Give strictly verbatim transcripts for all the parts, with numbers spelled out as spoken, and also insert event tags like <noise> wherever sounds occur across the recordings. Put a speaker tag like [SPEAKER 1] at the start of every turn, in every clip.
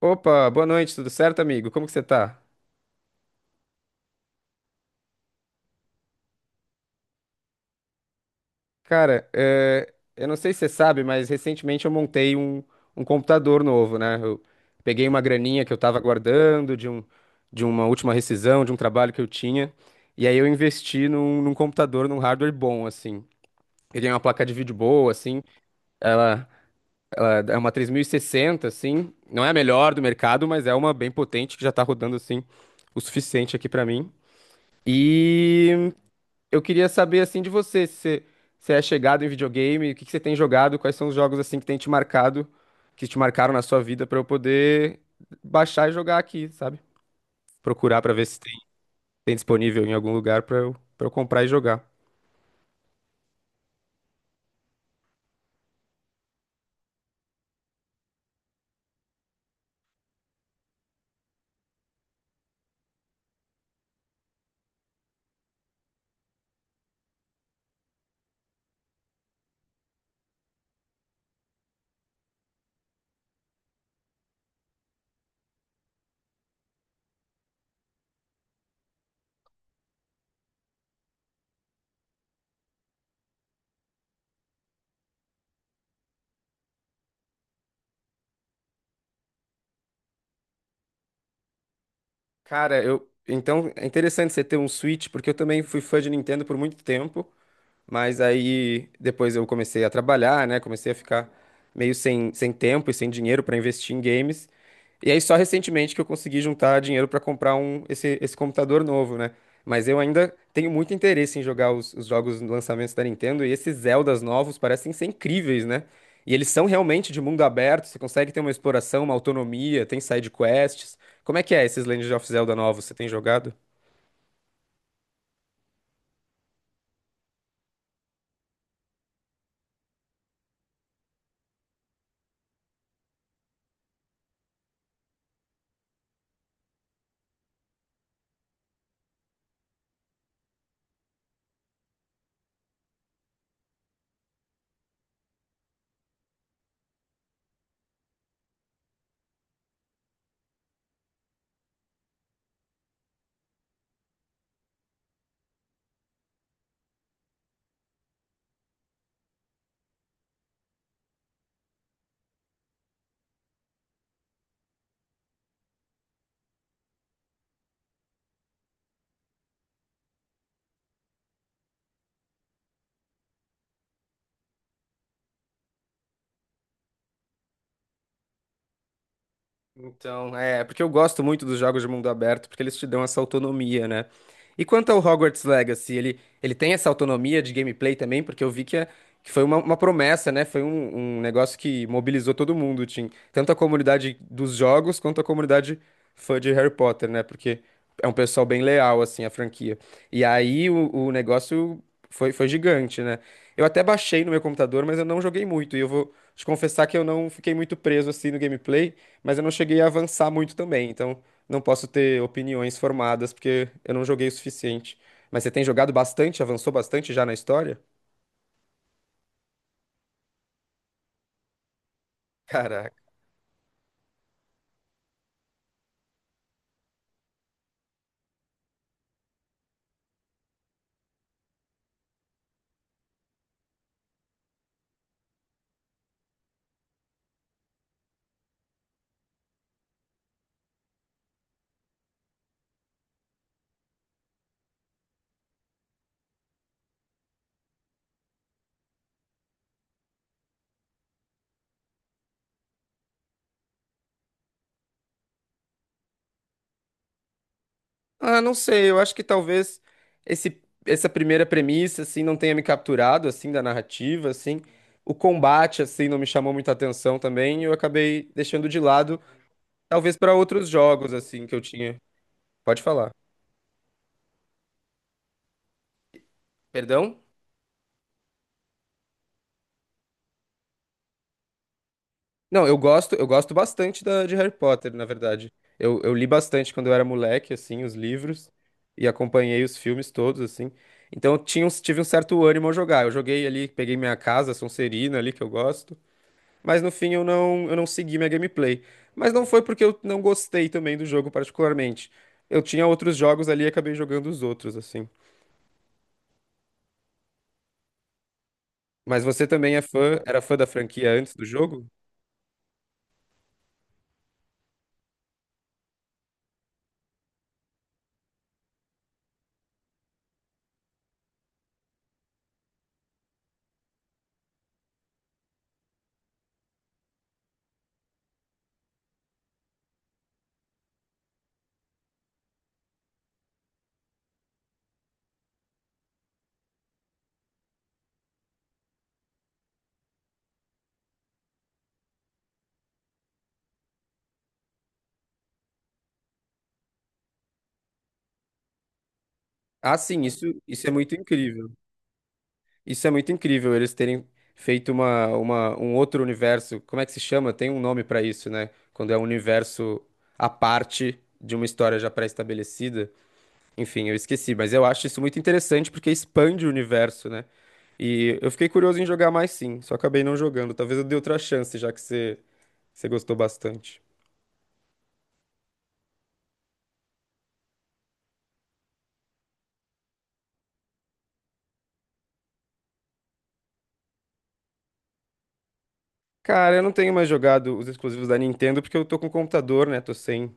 [SPEAKER 1] Opa, boa noite, tudo certo, amigo? Como que você tá? Cara, eh, eu não sei se você sabe, mas recentemente eu montei um, um computador novo, né? Eu peguei uma graninha que eu tava guardando de um, de uma última rescisão, de um trabalho que eu tinha, e aí eu investi num, num computador, num hardware bom, assim. Peguei uma placa de vídeo boa, assim, ela, ela é uma três mil e sessenta, assim, não é a melhor do mercado, mas é uma bem potente que já tá rodando, assim, o suficiente aqui pra mim. E eu queria saber assim de você, se você se é chegado em videogame, o que que você tem jogado, quais são os jogos assim que tem te marcado, que te marcaram na sua vida pra eu poder baixar e jogar aqui, sabe? Procurar pra ver se tem, tem disponível em algum lugar pra eu, para eu comprar e jogar. Cara, eu então é interessante você ter um Switch, porque eu também fui fã de Nintendo por muito tempo. Mas aí depois eu comecei a trabalhar, né? Comecei a ficar meio sem, sem tempo e sem dinheiro para investir em games. E aí só recentemente que eu consegui juntar dinheiro para comprar um, esse, esse computador novo, né? Mas eu ainda tenho muito interesse em jogar os, os jogos lançamentos da Nintendo e esses Zeldas novos parecem ser incríveis, né? E eles são realmente de mundo aberto, você consegue ter uma exploração, uma autonomia, tem side quests. Como é que é esses Legend of Zelda novos? Você tem jogado? Então, é, porque eu gosto muito dos jogos de mundo aberto, porque eles te dão essa autonomia, né? E quanto ao Hogwarts Legacy, ele, ele tem essa autonomia de gameplay também, porque eu vi que, é- que foi uma, uma promessa, né? Foi um, um negócio que mobilizou todo mundo, Tim. Tanto a comunidade dos jogos quanto a comunidade fã de Harry Potter, né? Porque é um pessoal bem leal, assim, à franquia. E aí o, o negócio foi, foi gigante, né? Eu até baixei no meu computador, mas eu não joguei muito, e eu vou te confessar que eu não fiquei muito preso assim no gameplay, mas eu não cheguei a avançar muito também, então não posso ter opiniões formadas porque eu não joguei o suficiente. Mas você tem jogado bastante, avançou bastante já na história? Caraca. Ah, não sei, eu acho que talvez esse, essa primeira premissa, assim, não tenha me capturado, assim, da narrativa, assim. O combate, assim, não me chamou muita atenção também, e eu acabei deixando de lado, talvez para outros jogos, assim, que eu tinha. Pode falar. Perdão? Não, eu gosto, eu gosto bastante da, de Harry Potter, na verdade. Eu, eu li bastante quando eu era moleque, assim, os livros, e acompanhei os filmes todos, assim. Então eu tinha, um- tive um certo ânimo a jogar. Eu joguei ali, peguei minha casa, Sonserina ali, que eu gosto. Mas no fim eu não, eu não segui minha gameplay. Mas não foi porque eu não gostei também do jogo particularmente. Eu tinha outros jogos ali e acabei jogando os outros, assim. Mas você também é fã, era fã da franquia antes do jogo? Ah, sim, isso, isso é muito incrível. Isso é muito incrível, eles terem feito uma, uma, um outro universo. Como é que se chama? Tem um nome pra isso, né? Quando é um universo à parte de uma história já pré-estabelecida. Enfim, eu esqueci, mas eu acho isso muito interessante porque expande o universo, né? E eu fiquei curioso em jogar mais sim, só acabei não jogando. Talvez eu dê outra chance, já que você, você gostou bastante. Cara, eu não tenho mais jogado os exclusivos da Nintendo porque eu tô com computador, né? Tô sem.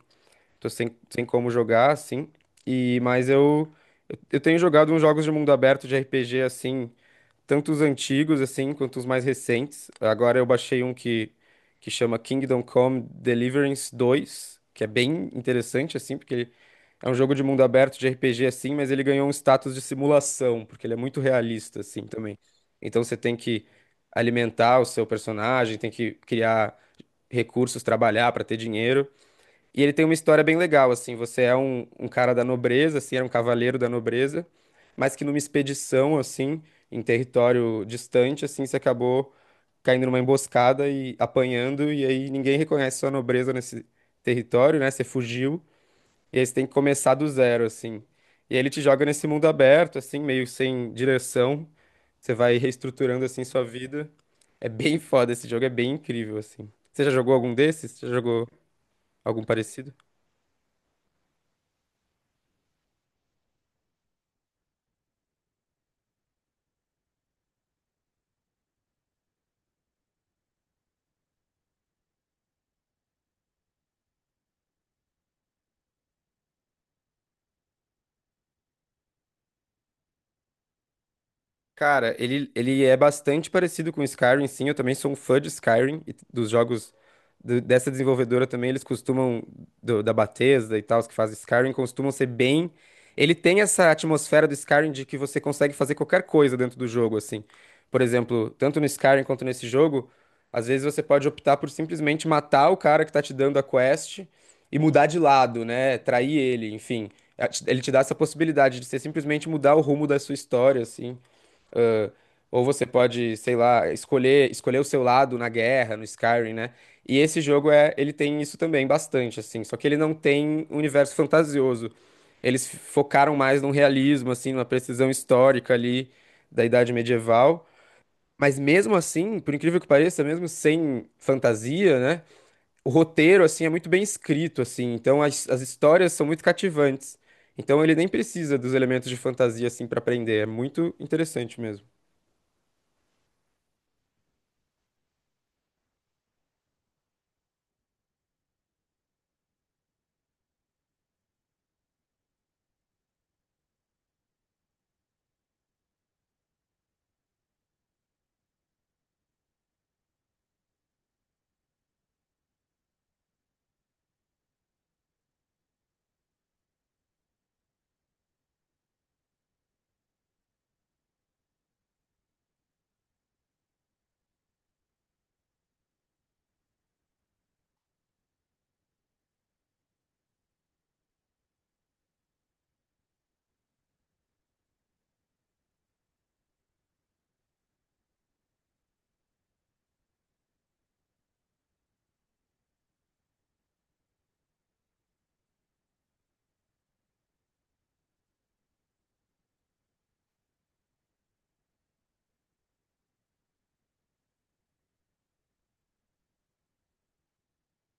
[SPEAKER 1] Tô sem, sem como jogar, assim. E, mas eu, eu, eu tenho jogado uns jogos de mundo aberto de R P G, assim, tanto os antigos, assim, quanto os mais recentes. Agora eu baixei um que, que chama Kingdom Come Deliverance dois, que é bem interessante, assim, porque ele é um jogo de mundo aberto de R P G, assim, mas ele ganhou um status de simulação, porque ele é muito realista, assim, também. Então você tem que alimentar o seu personagem, tem que criar recursos, trabalhar para ter dinheiro. E ele tem uma história bem legal, assim. Você é um, um cara da nobreza, assim, era um cavaleiro da nobreza, mas que numa expedição, assim, em território distante, assim, você acabou caindo numa emboscada e apanhando, e aí ninguém reconhece sua nobreza nesse território, né? Você fugiu, e aí você tem que começar do zero, assim. E aí ele te joga nesse mundo aberto, assim, meio sem direção. Você vai reestruturando, assim, sua vida. É bem foda, esse jogo é bem incrível, assim. Você já jogou algum desses? Você já jogou algum parecido? Cara, ele, ele é bastante parecido com Skyrim, sim. Eu também sou um fã de Skyrim e dos jogos do- dessa desenvolvedora também. Eles costumam, do- da Bethesda e tal, os que fazem Skyrim, costumam ser bem. Ele tem essa atmosfera do Skyrim de que você consegue fazer qualquer coisa dentro do jogo, assim. Por exemplo, tanto no Skyrim quanto nesse jogo, às vezes você pode optar por simplesmente matar o cara que tá te dando a quest e mudar de lado, né? Trair ele, enfim. Ele te dá essa possibilidade de você simplesmente mudar o rumo da sua história, assim. Ou você pode, sei lá, escolher, escolher o seu lado na guerra, no Skyrim, né? E esse jogo é, ele tem isso também bastante, assim. Só que ele não tem um universo fantasioso. Eles f- focaram mais num realismo, assim, numa precisão histórica ali da Idade Medieval. Mas mesmo assim, por incrível que pareça, mesmo sem fantasia, né? O roteiro, assim, é muito bem escrito, assim. Então as, as histórias são muito cativantes. Então ele nem precisa dos elementos de fantasia, assim, para prender. É muito interessante mesmo.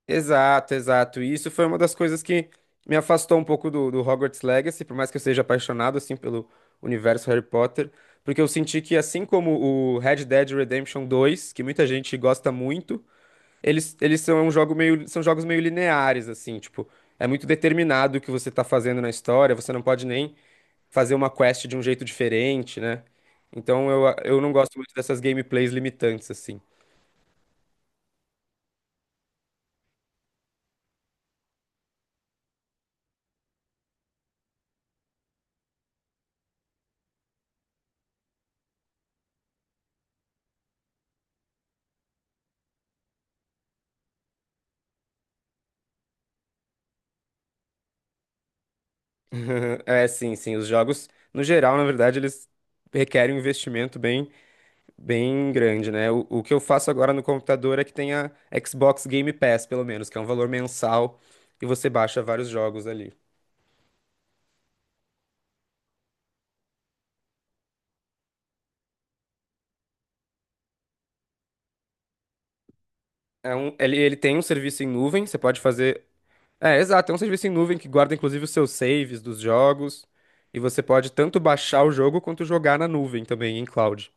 [SPEAKER 1] Exato, exato. E isso foi uma das coisas que me afastou um pouco do, do Hogwarts Legacy, por mais que eu seja apaixonado assim pelo universo Harry Potter, porque eu senti que assim como o Red Dead Redemption dois, que muita gente gosta muito, eles, eles são um jogo meio, são jogos meio lineares assim, tipo, é muito determinado o que você tá fazendo na história, você não pode nem fazer uma quest de um jeito diferente, né? Então eu, eu não gosto muito dessas gameplays limitantes assim. <laughs> É, sim, sim. Os jogos, no geral, na verdade, eles requerem um investimento bem, bem grande, né? O, o que eu faço agora no computador é que tem a Xbox Game Pass, pelo menos, que é um valor mensal e você baixa vários jogos ali. É um, ele, ele tem um serviço em nuvem, você pode fazer. É, exato, é um serviço em nuvem que guarda inclusive os seus saves dos jogos e você pode tanto baixar o jogo quanto jogar na nuvem também, em cloud.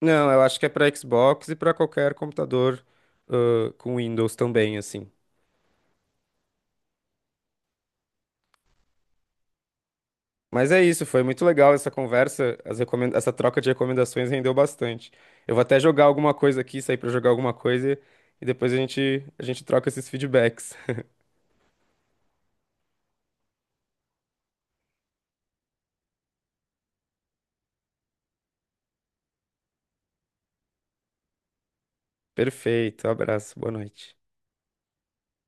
[SPEAKER 1] Não, eu acho que é para Xbox e para qualquer computador ãh, com Windows também, assim. Mas é isso, foi muito legal essa conversa, as recomen- essa troca de recomendações rendeu bastante. Eu vou até jogar alguma coisa aqui, sair pra jogar alguma coisa e depois a gente, a gente troca esses feedbacks. <laughs> Perfeito, abraço, boa noite.